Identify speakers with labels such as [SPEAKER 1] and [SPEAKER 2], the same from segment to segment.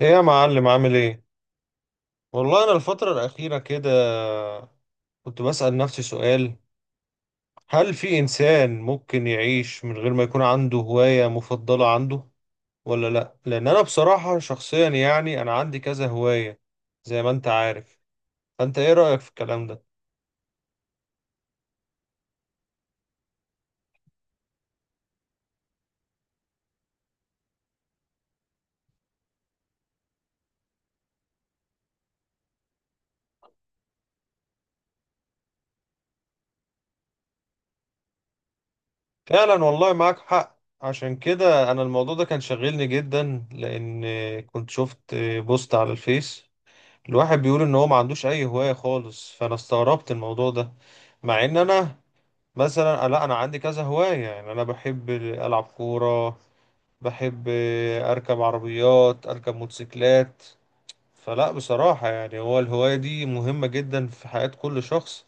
[SPEAKER 1] ايه يا معلم عامل ايه؟ والله انا الفترة الأخيرة كده كنت بسأل نفسي سؤال: هل في إنسان ممكن يعيش من غير ما يكون عنده هواية مفضلة عنده ولا لا؟ لأن انا بصراحة شخصيا يعني انا عندي كذا هواية زي ما انت عارف، فانت ايه رأيك في الكلام ده؟ فعلا والله معاك حق. عشان كده انا الموضوع ده كان شاغلني جدا، لأن كنت شفت بوست على الفيس، الواحد بيقول ان هو ما عندوش اي هواية خالص، فانا استغربت الموضوع ده، مع ان انا مثلا لا انا عندي كذا هواية، يعني انا بحب العب كورة، بحب اركب عربيات، اركب موتوسيكلات. فلا بصراحة يعني هو الهواية دي مهمة جدا في حياة كل شخص،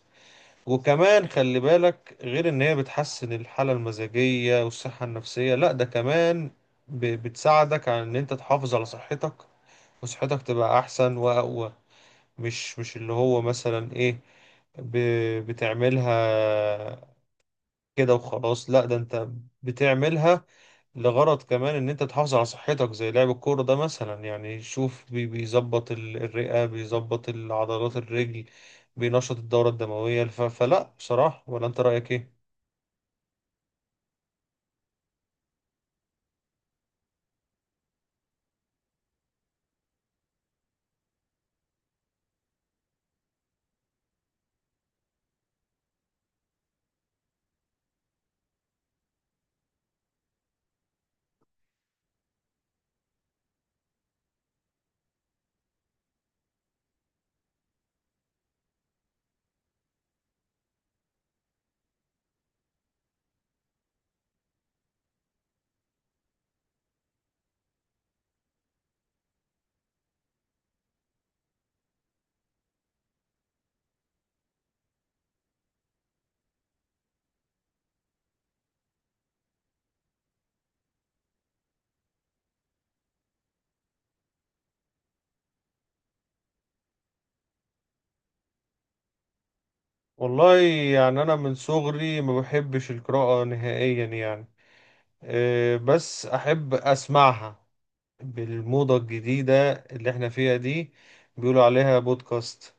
[SPEAKER 1] وكمان خلي بالك غير ان هي بتحسن الحالة المزاجية والصحة النفسية، لا ده كمان بتساعدك على ان انت تحافظ على صحتك، وصحتك تبقى احسن واقوى. مش اللي هو مثلا ايه بتعملها كده وخلاص، لا ده انت بتعملها لغرض كمان ان انت تحافظ على صحتك. زي لعب الكورة ده مثلا، يعني شوف، بيظبط الرئة، بيظبط العضلات الرجل، بينشط الدورة الدموية. فلا بصراحة، ولا انت رأيك ايه؟ والله يعني انا من صغري ما بحبش القراءة نهائيا، يعني بس احب اسمعها بالموضة الجديدة اللي احنا فيها دي، بيقولوا عليها بودكاست.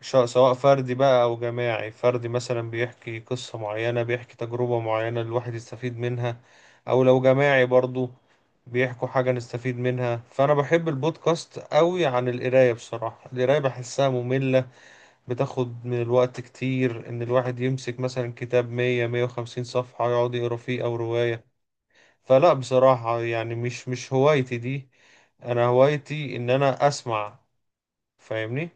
[SPEAKER 1] سواء فردي بقى أو جماعي، فردي مثلا بيحكي قصة معينة، بيحكي تجربة معينة الواحد يستفيد منها، أو لو جماعي برضو بيحكوا حاجة نستفيد منها. فأنا بحب البودكاست قوي، عن القراية بصراحة القراية بحسها مملة، بتاخد من الوقت كتير إن الواحد يمسك مثلا كتاب 100، 150 صفحة يقعد يقرا فيه أو رواية. فلا بصراحة يعني مش هوايتي دي، أنا هوايتي إن أنا أسمع، فاهمني؟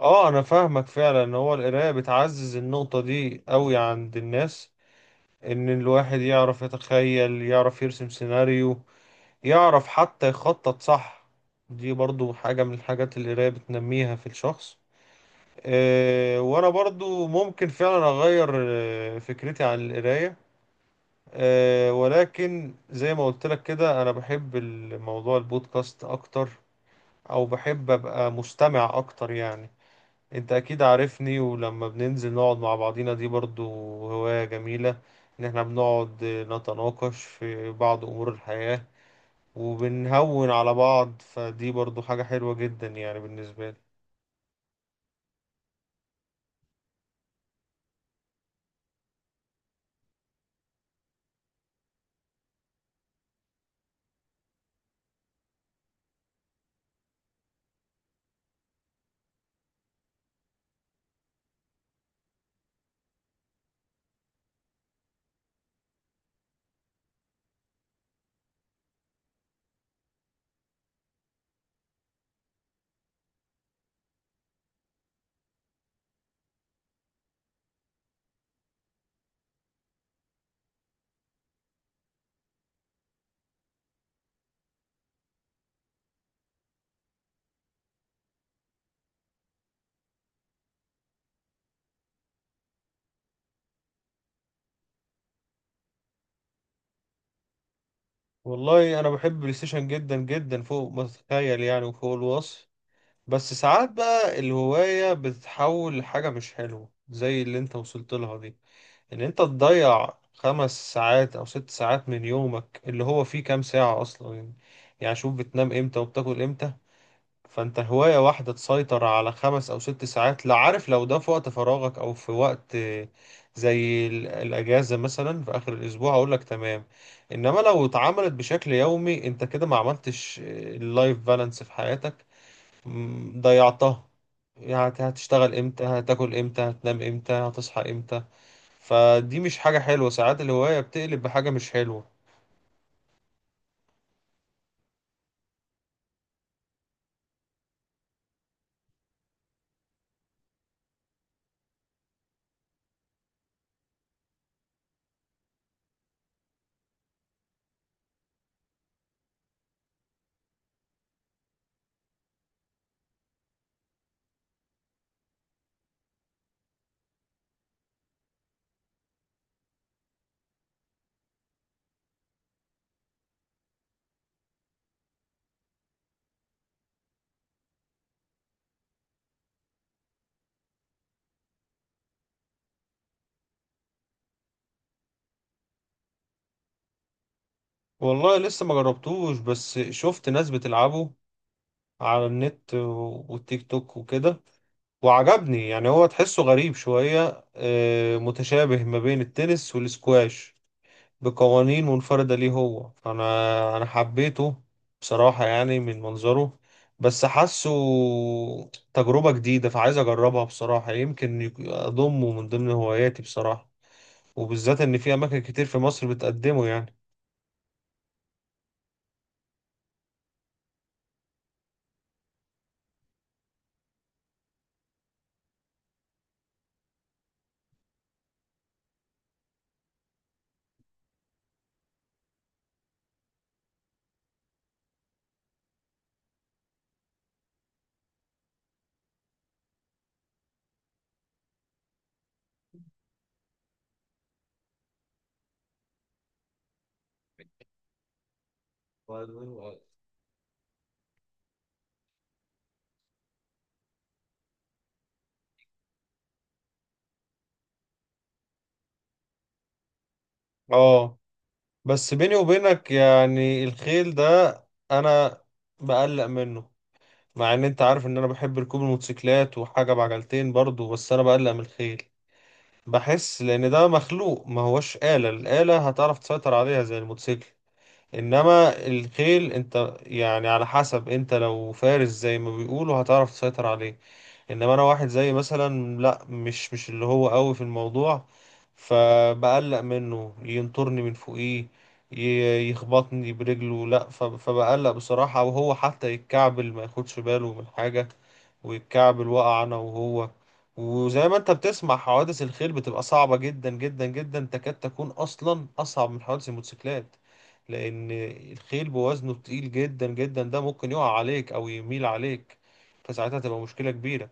[SPEAKER 1] اه، انا فاهمك فعلا ان هو القرايه بتعزز النقطه دي قوي عند الناس، ان الواحد يعرف يتخيل، يعرف يرسم سيناريو، يعرف حتى يخطط، صح؟ دي برضو حاجه من الحاجات اللي القرايه بتنميها في الشخص. أه، وانا برضو ممكن فعلا اغير فكرتي عن القرايه. أه، ولكن زي ما قلت لك كده انا بحب الموضوع البودكاست اكتر، او بحب ابقى مستمع اكتر يعني. انت اكيد عارفني، ولما بننزل نقعد مع بعضينا دي برضو هواية جميلة، ان احنا بنقعد نتناقش في بعض امور الحياة وبنهون على بعض، فدي برضو حاجة حلوة جدا يعني بالنسبة لي. والله انا بحب البلاي ستيشن جدا جدا فوق ما تتخيل يعني وفوق الوصف. بس ساعات بقى الهواية بتتحول لحاجة مش حلوة زي اللي انت وصلت لها دي، ان انت تضيع 5 ساعات او 6 ساعات من يومك اللي هو فيه كام ساعة اصلا يعني. يعني شوف، بتنام امتى وبتاكل امتى؟ فانت هواية واحدة تسيطر على 5 او 6 ساعات، لا عارف لو ده في وقت فراغك او في وقت زي الاجازة مثلا في اخر الاسبوع، اقول لك تمام. انما لو اتعملت بشكل يومي انت كده ما عملتش اللايف بالانس في حياتك، ضيعتها. يعني هتشتغل امتى، هتاكل امتى، هتنام امتى، هتصحى امتى؟ فدي مش حاجة حلوة، ساعات الهواية بتقلب بحاجة مش حلوة. والله لسه ما جربتوش، بس شفت ناس بتلعبه على النت والتيك توك وكده وعجبني. يعني هو تحسه غريب شوية، متشابه ما بين التنس والسكواش بقوانين منفردة ليه هو، فأنا حبيته بصراحة يعني من منظره، بس حاسه تجربة جديدة، فعايز أجربها بصراحة، يمكن أضمه من ضمن هواياتي بصراحة، وبالذات ان في اماكن كتير في مصر بتقدمه يعني. اه، بس بيني وبينك يعني الخيل ده انا بقلق منه، مع ان انت عارف ان انا بحب ركوب الموتوسيكلات وحاجة بعجلتين برضو، بس انا بقلق من الخيل. بحس لان ده مخلوق ما هوش آلة، الآلة هتعرف تسيطر عليها زي الموتوسيكل، انما الخيل انت يعني على حسب، انت لو فارس زي ما بيقولوا هتعرف تسيطر عليه، انما انا واحد زي مثلا لا مش اللي هو قوي في الموضوع، فبقلق منه ينطرني من فوقيه، يخبطني برجله. لا فبقلق بصراحة، وهو حتى يتكعبل ما ياخدش باله من حاجة ويتكعبل وقع انا وهو. وزي ما انت بتسمع حوادث الخيل بتبقى صعبة جدا جدا جدا، تكاد تكون اصلا اصعب من حوادث الموتوسيكلات، لأن الخيل بوزنه تقيل جدا جدا، ده ممكن يقع عليك أو يميل عليك، فساعتها تبقى مشكلة كبيرة.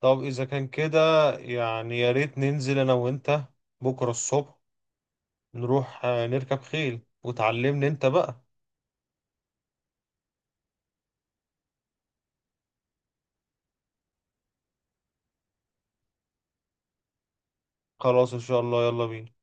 [SPEAKER 1] طب إذا كان كده، يعني يا ريت ننزل أنا وأنت بكرة الصبح نروح نركب خيل وتعلمني أنت بقى. خلاص إن شاء الله، يلا بينا.